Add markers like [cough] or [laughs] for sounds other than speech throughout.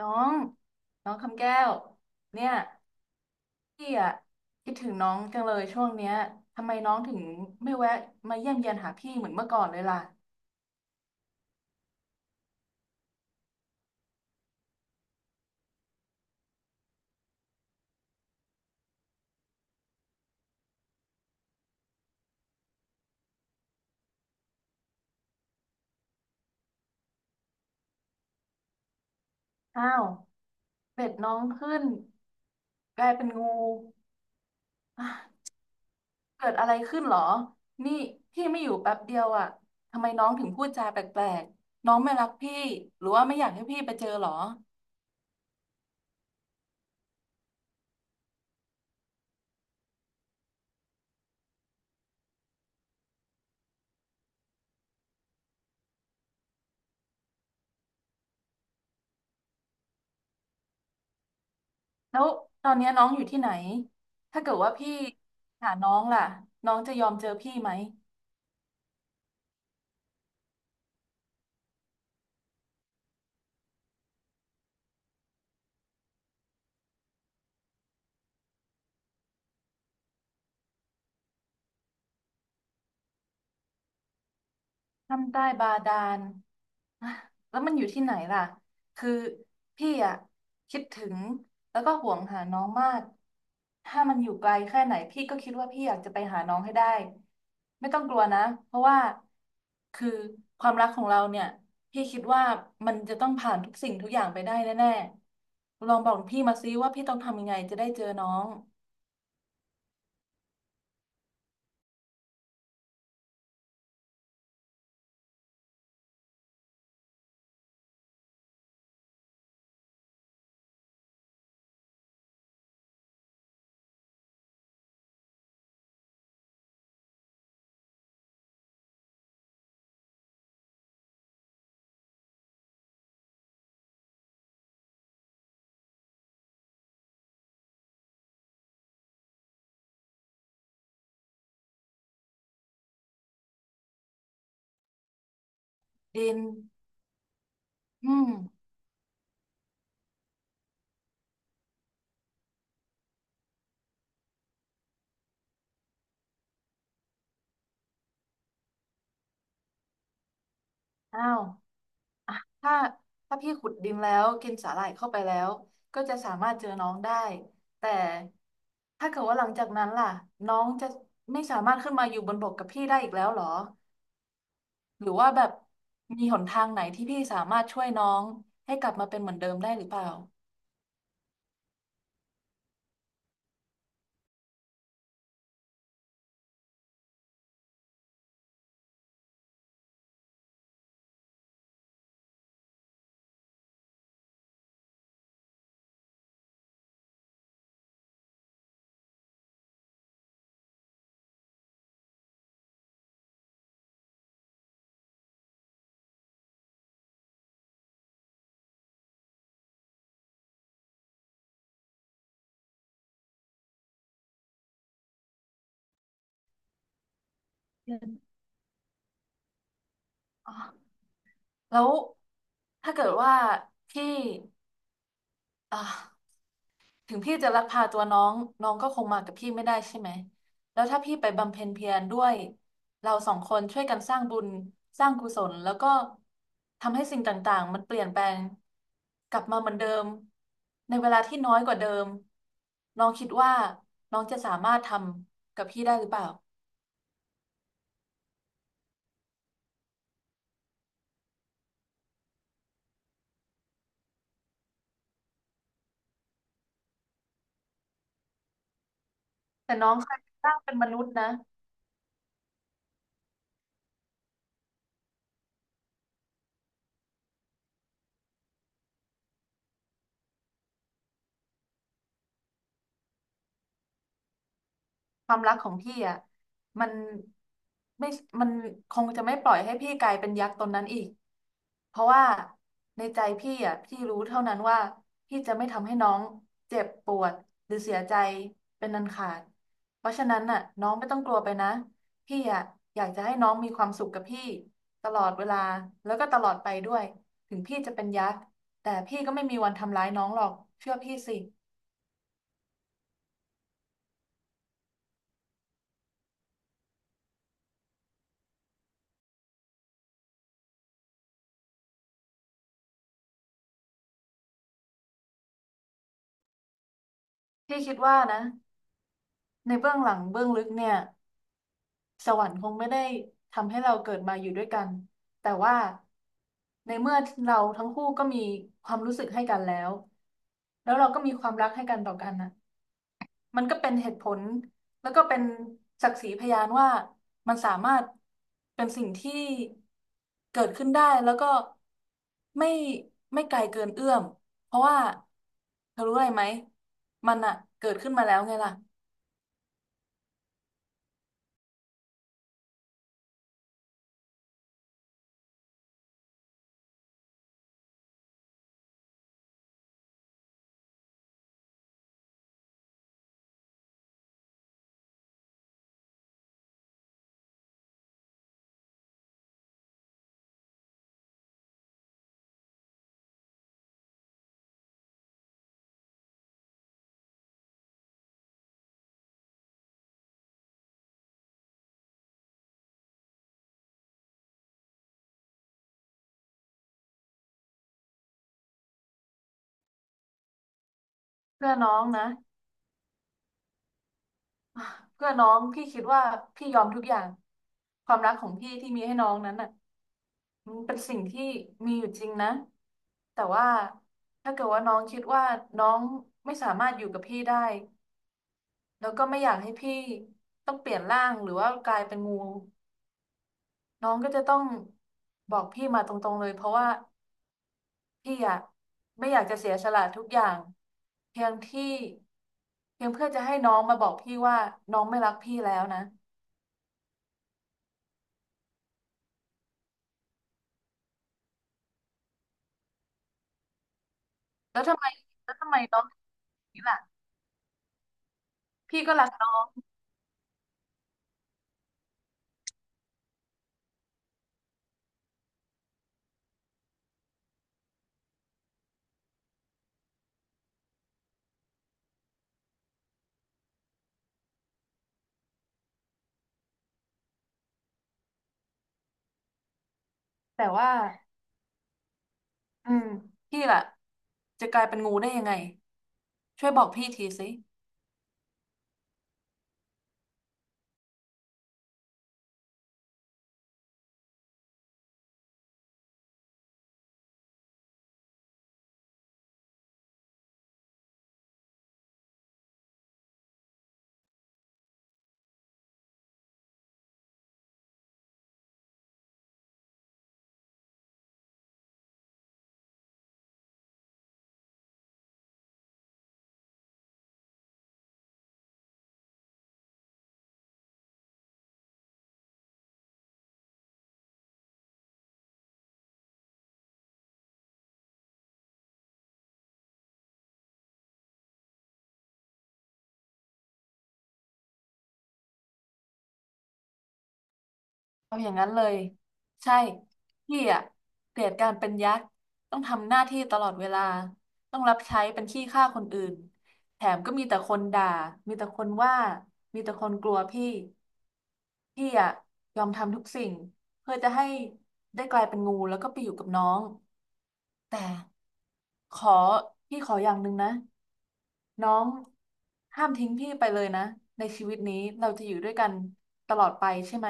น้องน้องคำแก้วเนี่ยพี่อะคิดถึงน้องจังเลยช่วงเนี้ยทำไมน้องถึงไม่แวะมาเยี่ยมเยียนหาพี่เหมือนเมื่อก่อนเลยล่ะอ้าวเบ็ดน้องขึ้นกลายเป็นงู [sighs] อ่ะเกิดอะไรขึ้นเหรอนี่พี่ไม่อยู่แป๊บเดียวอะทำไมน้องถึงพูดจาแปลกๆน้องไม่รักพี่หรือว่าไม่อยากให้พี่ไปเจอเหรอแล้วตอนเนี้ยน้องอยู่ที่ไหนถ้าเกิดว่าพี่หาน้องล่ะ น้องจะยอมเจอพี่ไหม ถ้ำใต้บาดาล [laughs] อ่ะแล้วมันอยู่ที่ไหนล่ะคือพี่อ่ะคิดถึงแล้วก็ห่วงหาน้องมาก ถ้ามันอยู่ไกลแค่ไหนพี่ก็คิดว่าพี่อยากจะไปหาน้องให้ได้ ไม่ต้องกลัวนะ เพราะว่าคือความรักของเราเนี่ยพี่คิดว่ามันจะต้องผ่านทุกสิ่งทุกอย่างไปได้แน่ๆลองบอกพี่มาซิว่าพี่ต้องทำยังไงจะได้เจอน้องดินอืมอ้าว ถ้าถ้าพี่ขุดดินแล้วกินสาหร่ายเข้าไปแล้วก็จะสามารถเจอน้องได้แต่ถ้าเกิดว่าหลังจากนั้นล่ะน้องจะไม่สามารถขึ้นมาอยู่บนบกกับพี่ได้อีกแล้วเหรอหรือว่าแบบมีหนทางไหนที่พี่สามารถช่วยน้องให้กลับมาเป็นเหมือนเดิมได้หรือเปล่าอ๋อแล้วถ้าเกิดว่าพี่อ่า ถึงพี่จะลักพาตัวน้องน้องก็คงมากับพี่ไม่ได้ใช่ไหมแล้วถ้าพี่ไปบำเพ็ญเพียรด้วยเราสองคนช่วยกันสร้างบุญสร้างกุศลแล้วก็ทำให้สิ่งต่างๆมันเปลี่ยนแปลงกลับมาเหมือนเดิมในเวลาที่น้อยกว่าเดิมน้องคิดว่าน้องจะสามารถทำกับพี่ได้หรือเปล่าแต่น้องเคยสร้างเป็นมนุษย์นะ ความรักของพี่อ่ะมันไม่มันคงจะไม่ปล่อยให้พี่กลายเป็นยักษ์ตนนั้นอีกเพราะว่าในใจพี่อ่ะพี่รู้เท่านั้นว่าพี่จะไม่ทำให้น้องเจ็บปวดหรือเสียใจเป็นอันขาดเพราะฉะนั้นน่ะน้องไม่ต้องกลัวไปนะพี่อ่ะอยากจะให้น้องมีความสุขกับพี่ตลอดเวลาแล้วก็ตลอดไปด้วยถึงพี่จะเป็นยักษ์แต่พี่ก็ไม่มีวันทำร้ายน้องหรอกเชื่อพี่สิพี่คิดว่านะในเบื้องหลังเบื้องลึกเนี่ย สวรรค์คงไม่ได้ทำให้เราเกิดมาอยู่ด้วยกัน แต่ว่าในเมื่อเราทั้งคู่ก็มีความรู้สึกให้กันแล้วแล้วเราก็มีความรักให้กันต่อกันนะมันก็เป็นเหตุผลแล้วก็เป็นศักดิ์ศรีพยานว่ามันสามารถเป็นสิ่งที่เกิดขึ้นได้แล้วก็ไม่ไม่ไกลเกินเอื้อมเพราะว่าเธอรู้อะไรไหมมันอะเกิดขึ้นมาแล้วไงล่ะเพื่อน้องนะ อ่ะเพื่อน้องพี่คิดว่าพี่ยอมทุกอย่างความรักของพี่ที่มีให้น้องนั้นน่ะมันเป็นสิ่งที่มีอยู่จริงนะแต่ว่าถ้าเกิดว่าน้องคิดว่าน้องไม่สามารถอยู่กับพี่ได้แล้วก็ไม่อยากให้พี่ต้องเปลี่ยนร่างหรือว่ากลายเป็นงูน้องก็จะต้องบอกพี่มาตรงๆเลยเพราะว่าพี่อะไม่อยากจะเสียสละทุกอย่างเพียงที่เพียงเพื่อจะให้น้องมาบอกพี่ว่าน้องไม่รักพี่แล้วนะแล้วทำไมแล้วทำไมน้อง นี่แหละพี่ก็รักน้องแต่ว่า อืมพี่ล่ะจะกลายเป็นงูได้ยังไงช่วยบอกพี่ทีสิเอาอย่างนั้นเลยใช่พี่อะเกลียดการเป็นยักษ์ต้องทำหน้าที่ตลอดเวลาต้องรับใช้เป็นขี้ข้าคนอื่นแถมก็มีแต่คนด่ามีแต่คนว่ามีแต่คนกลัวพี่พี่อะยอมทำทุกสิ่งเพื่อจะให้ได้กลายเป็นงูแล้วก็ไปอยู่กับน้อง แต่ขอพี่ขออย่างหนึ่งนะน้องห้ามทิ้งพี่ไปเลยนะในชีวิตนี้เราจะอยู่ด้วยกันตลอดไปใช่ไหม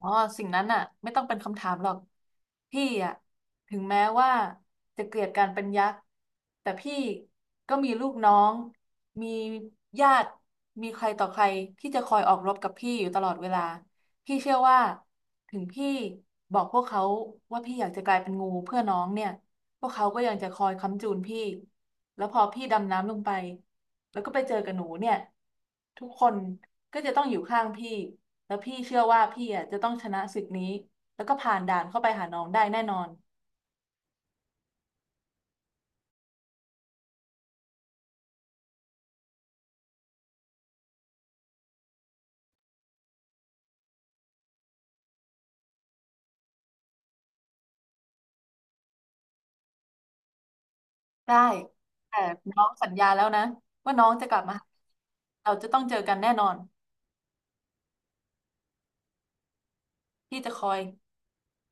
อ๋อสิ่งนั้นน่ะไม่ต้องเป็นคำถามหรอกพี่อะถึงแม้ว่าจะเกลียดการเป็นยักษ์แต่พี่ก็มีลูกน้องมีญาติมีใครต่อใครที่จะคอยออกรบกับพี่อยู่ตลอดเวลาพี่เชื่อว่าถึงพี่บอกพวกเขาว่าพี่อยากจะกลายเป็นงูเพื่อน้องเนี่ยพวกเขาก็ยังจะคอยค้ำจูนพี่ แล้วพอพี่ดำน้ำลงไปแล้วก็ไปเจอกับหนูเนี่ยทุกคนก็จะต้องอยู่ข้างพี่แล้วพี่เชื่อว่าพี่อ่ะจะต้องชนะศึกนี้แล้วก็ผ่านด่านเข้าไปหาน้องได้แน่นอนได้แต่น้องสัญญาแล้วนะว่าน้องจะกลับมาหาเราจะต้องเจอกันแน่นอนพี่จะคอย